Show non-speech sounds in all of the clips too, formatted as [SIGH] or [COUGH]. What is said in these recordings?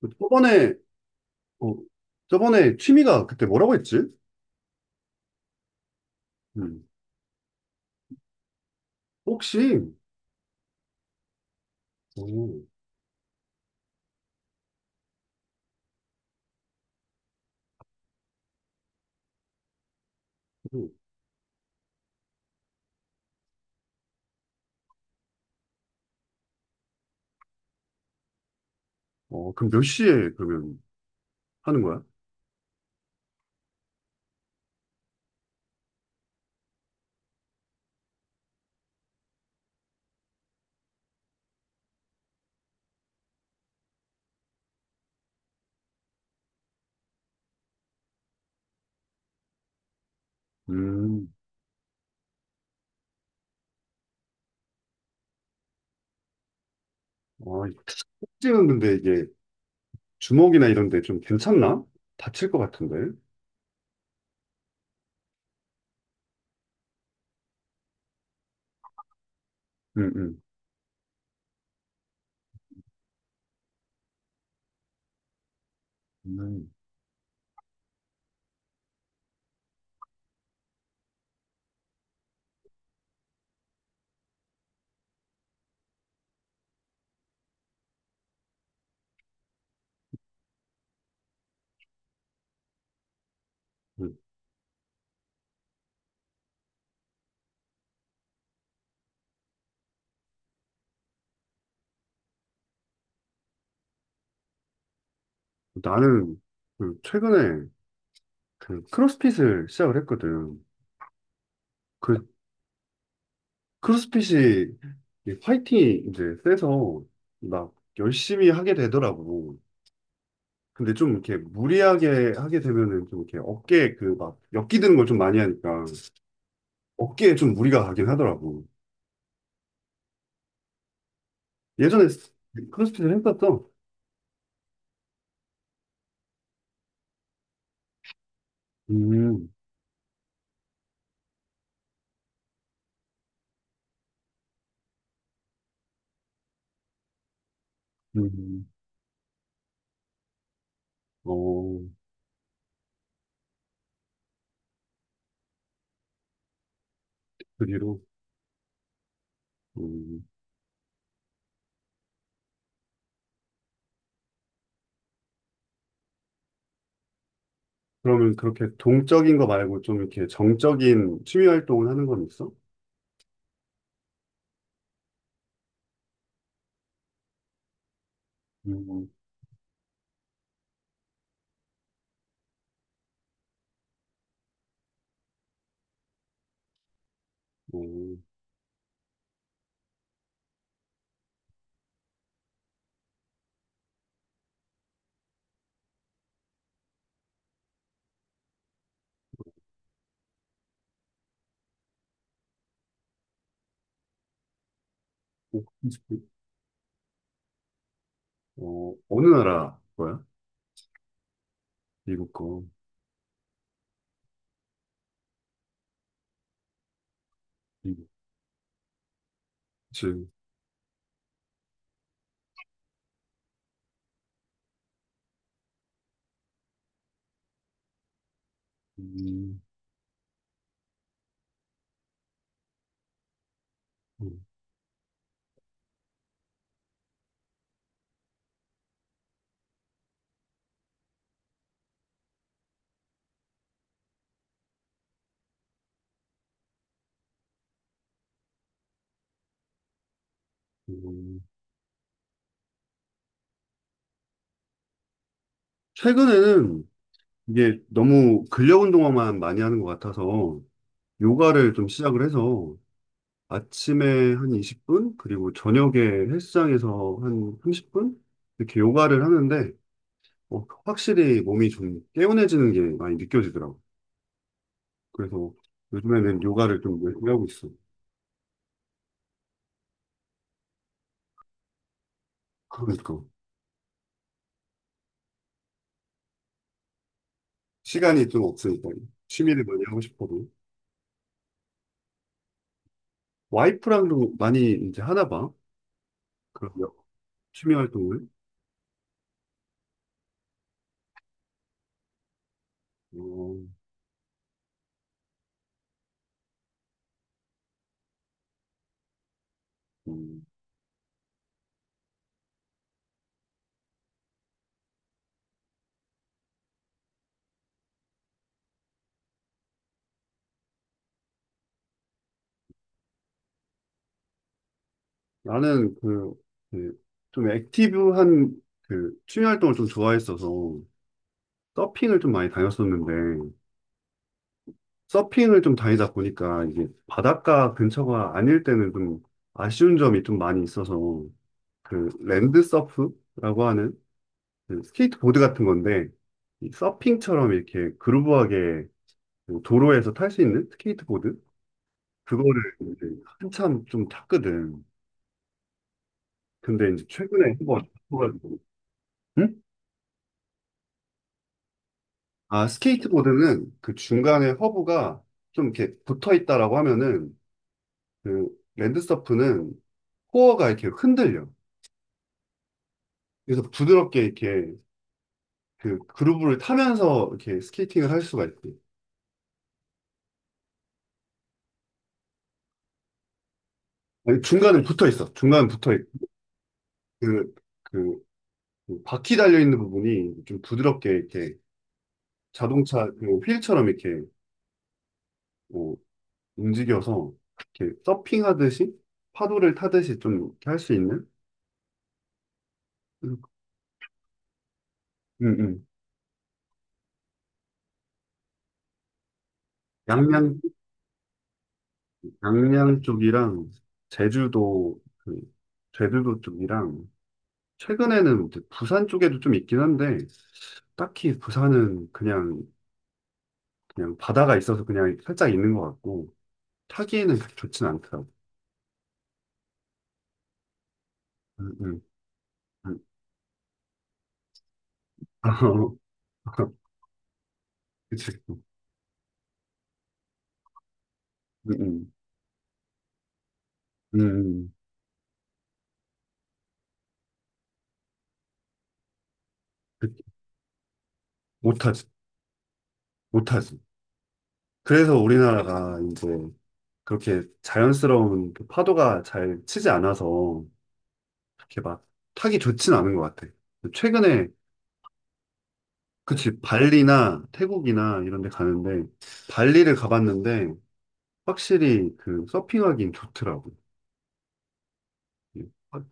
그 저번에, 어, 저번에 취미가 그때 뭐라고 했지? 음, 혹시, 어, 그, 그럼 몇 시에 그러면 하는 거야? 음, 아, 복싱은 근데 이게 주먹이나 이런 데 좀 괜찮나? 다칠 것 같은데. 음, 음. 음. 나는 그 최근에 그 크로스핏을 시작을 했거든. 그 크로스핏이 이 파이팅이 이제 세서 막 열심히 하게 되더라고. 근데 좀 이렇게 무리하게 하게 되면은 좀 이렇게 어깨에 그 막 엮기 드는 걸 좀 많이 하니까 어깨에 좀 무리가 가긴 하더라고. 예전에 크로스핏을 했었어. 음, 음, 어, 그 뒤로. 음. 그러면 그렇게 동적인 거 말고 좀 이렇게 정적인 취미 활동을 하는 건 있어? 음, 어, 어, 어느 나라 거야? 미국 거. 미국. 그치. 음, 음, 음. 최근에는 이게 너무 근력 운동만 많이 하는 것 같아서 요가를 좀 시작을 해서 아침에 한 20분 그리고 저녁에 헬스장에서 한 30분 이렇게 요가를 하는데 어, 확실히 몸이 좀 개운해지는 게 많이 느껴지더라고. 그래서 요즘에는 요가를 좀 열심히 하고 있어. 그러니까 시간이 좀 없으니까 취미를 많이 하고 싶어도 와이프랑도 많이 이제 하나 봐. 그런 취미 활동을. 어, 음. 나는 그, 좀 액티브한 그 취미 활동을 좀 좋아했어서 서핑을 좀 많이 다녔었는데 서핑을 좀 다니다 보니까 이게 바닷가 근처가 아닐 때는 좀 아쉬운 점이 좀 많이 있어서 그 랜드 서프라고 하는 그 스케이트보드 같은 건데 이 서핑처럼 이렇게 그루브하게 그 도로에서 탈 수 있는 스케이트보드 그거를 이제 한참 좀 탔거든. 근데 이제 최근에 한번 타가지고 아, 스케이트보드는 그 중간에 허브가 좀 이렇게 붙어 있다라고 하면은 그 랜드서프는 코어가 이렇게 흔들려. 그래서 부드럽게 이렇게 그 그루브를 타면서 이렇게 스케이팅을 할 수가 있지. 아니, 중간은 붙어 있어. 중간은 붙어 있고. 그, 그, 그 바퀴 달려 있는 부분이 좀 부드럽게 이렇게 자동차 그 휠처럼 이렇게 뭐 움직여서 이렇게 서핑하듯이 파도를 타듯이 좀 할 수 있는? 응, 응, 응. 양양 양양 쪽이랑 제주도 그 제주도 쪽이랑 최근에는 이제 부산 쪽에도 좀 있긴 한데 딱히 부산은 그냥 그냥 바다가 있어서 그냥 살짝 있는 것 같고 타기에는 그렇게 좋진 않더라고. 음, 음, 음. [LAUGHS] 그치. 음, 음, 음. 그- 못하지, 못하지. 그래서 우리나라가 이제 그렇게 자연스러운 그 파도가 잘 치지 않아서 이렇게 막 타기 좋진 않은 것 같아. 최근에 그치, 발리나 태국이나 이런 데 가는데, 발리를 가봤는데, 확실히 그 서핑하기엔 좋더라고. 예. 아,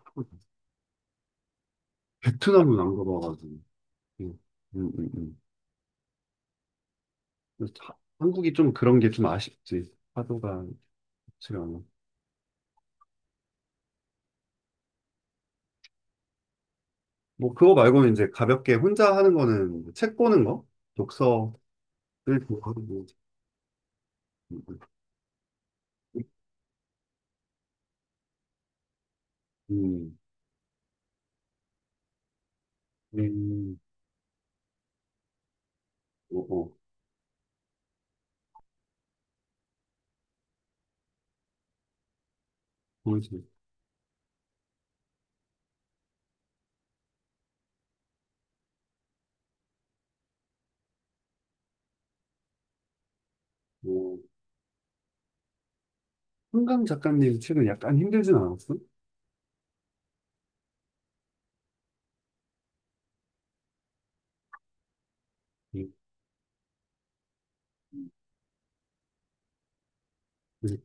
베트남은 안 가봐가지고. 예. 음, 음. 그래서 한국이 좀 그런 게 좀 아쉽지. 파도가 좋지가 않아. 뭐, 그거 말고는 이제 가볍게 혼자 하는 거는 책 보는 거? 독서를 보고 하 음, 음, 음, 음. 어, 어, 그지 뭐, 한강 작가님 책은 약간 힘들진 않았어? 예. 음,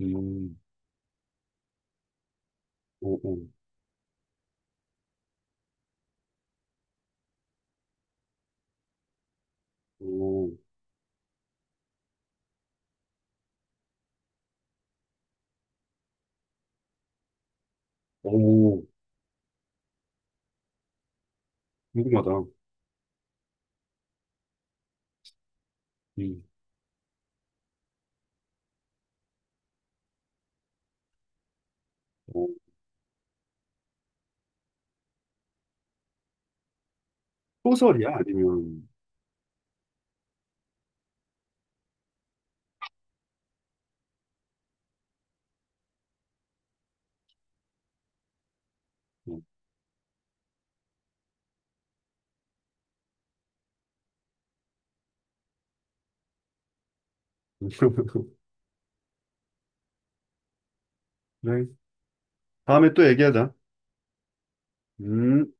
음. 오, 오, 오, 오, 궁금하다. 음, 어, 소설이야? 아니면, 어. [LAUGHS] 네. 다음에 또 얘기하자. 음.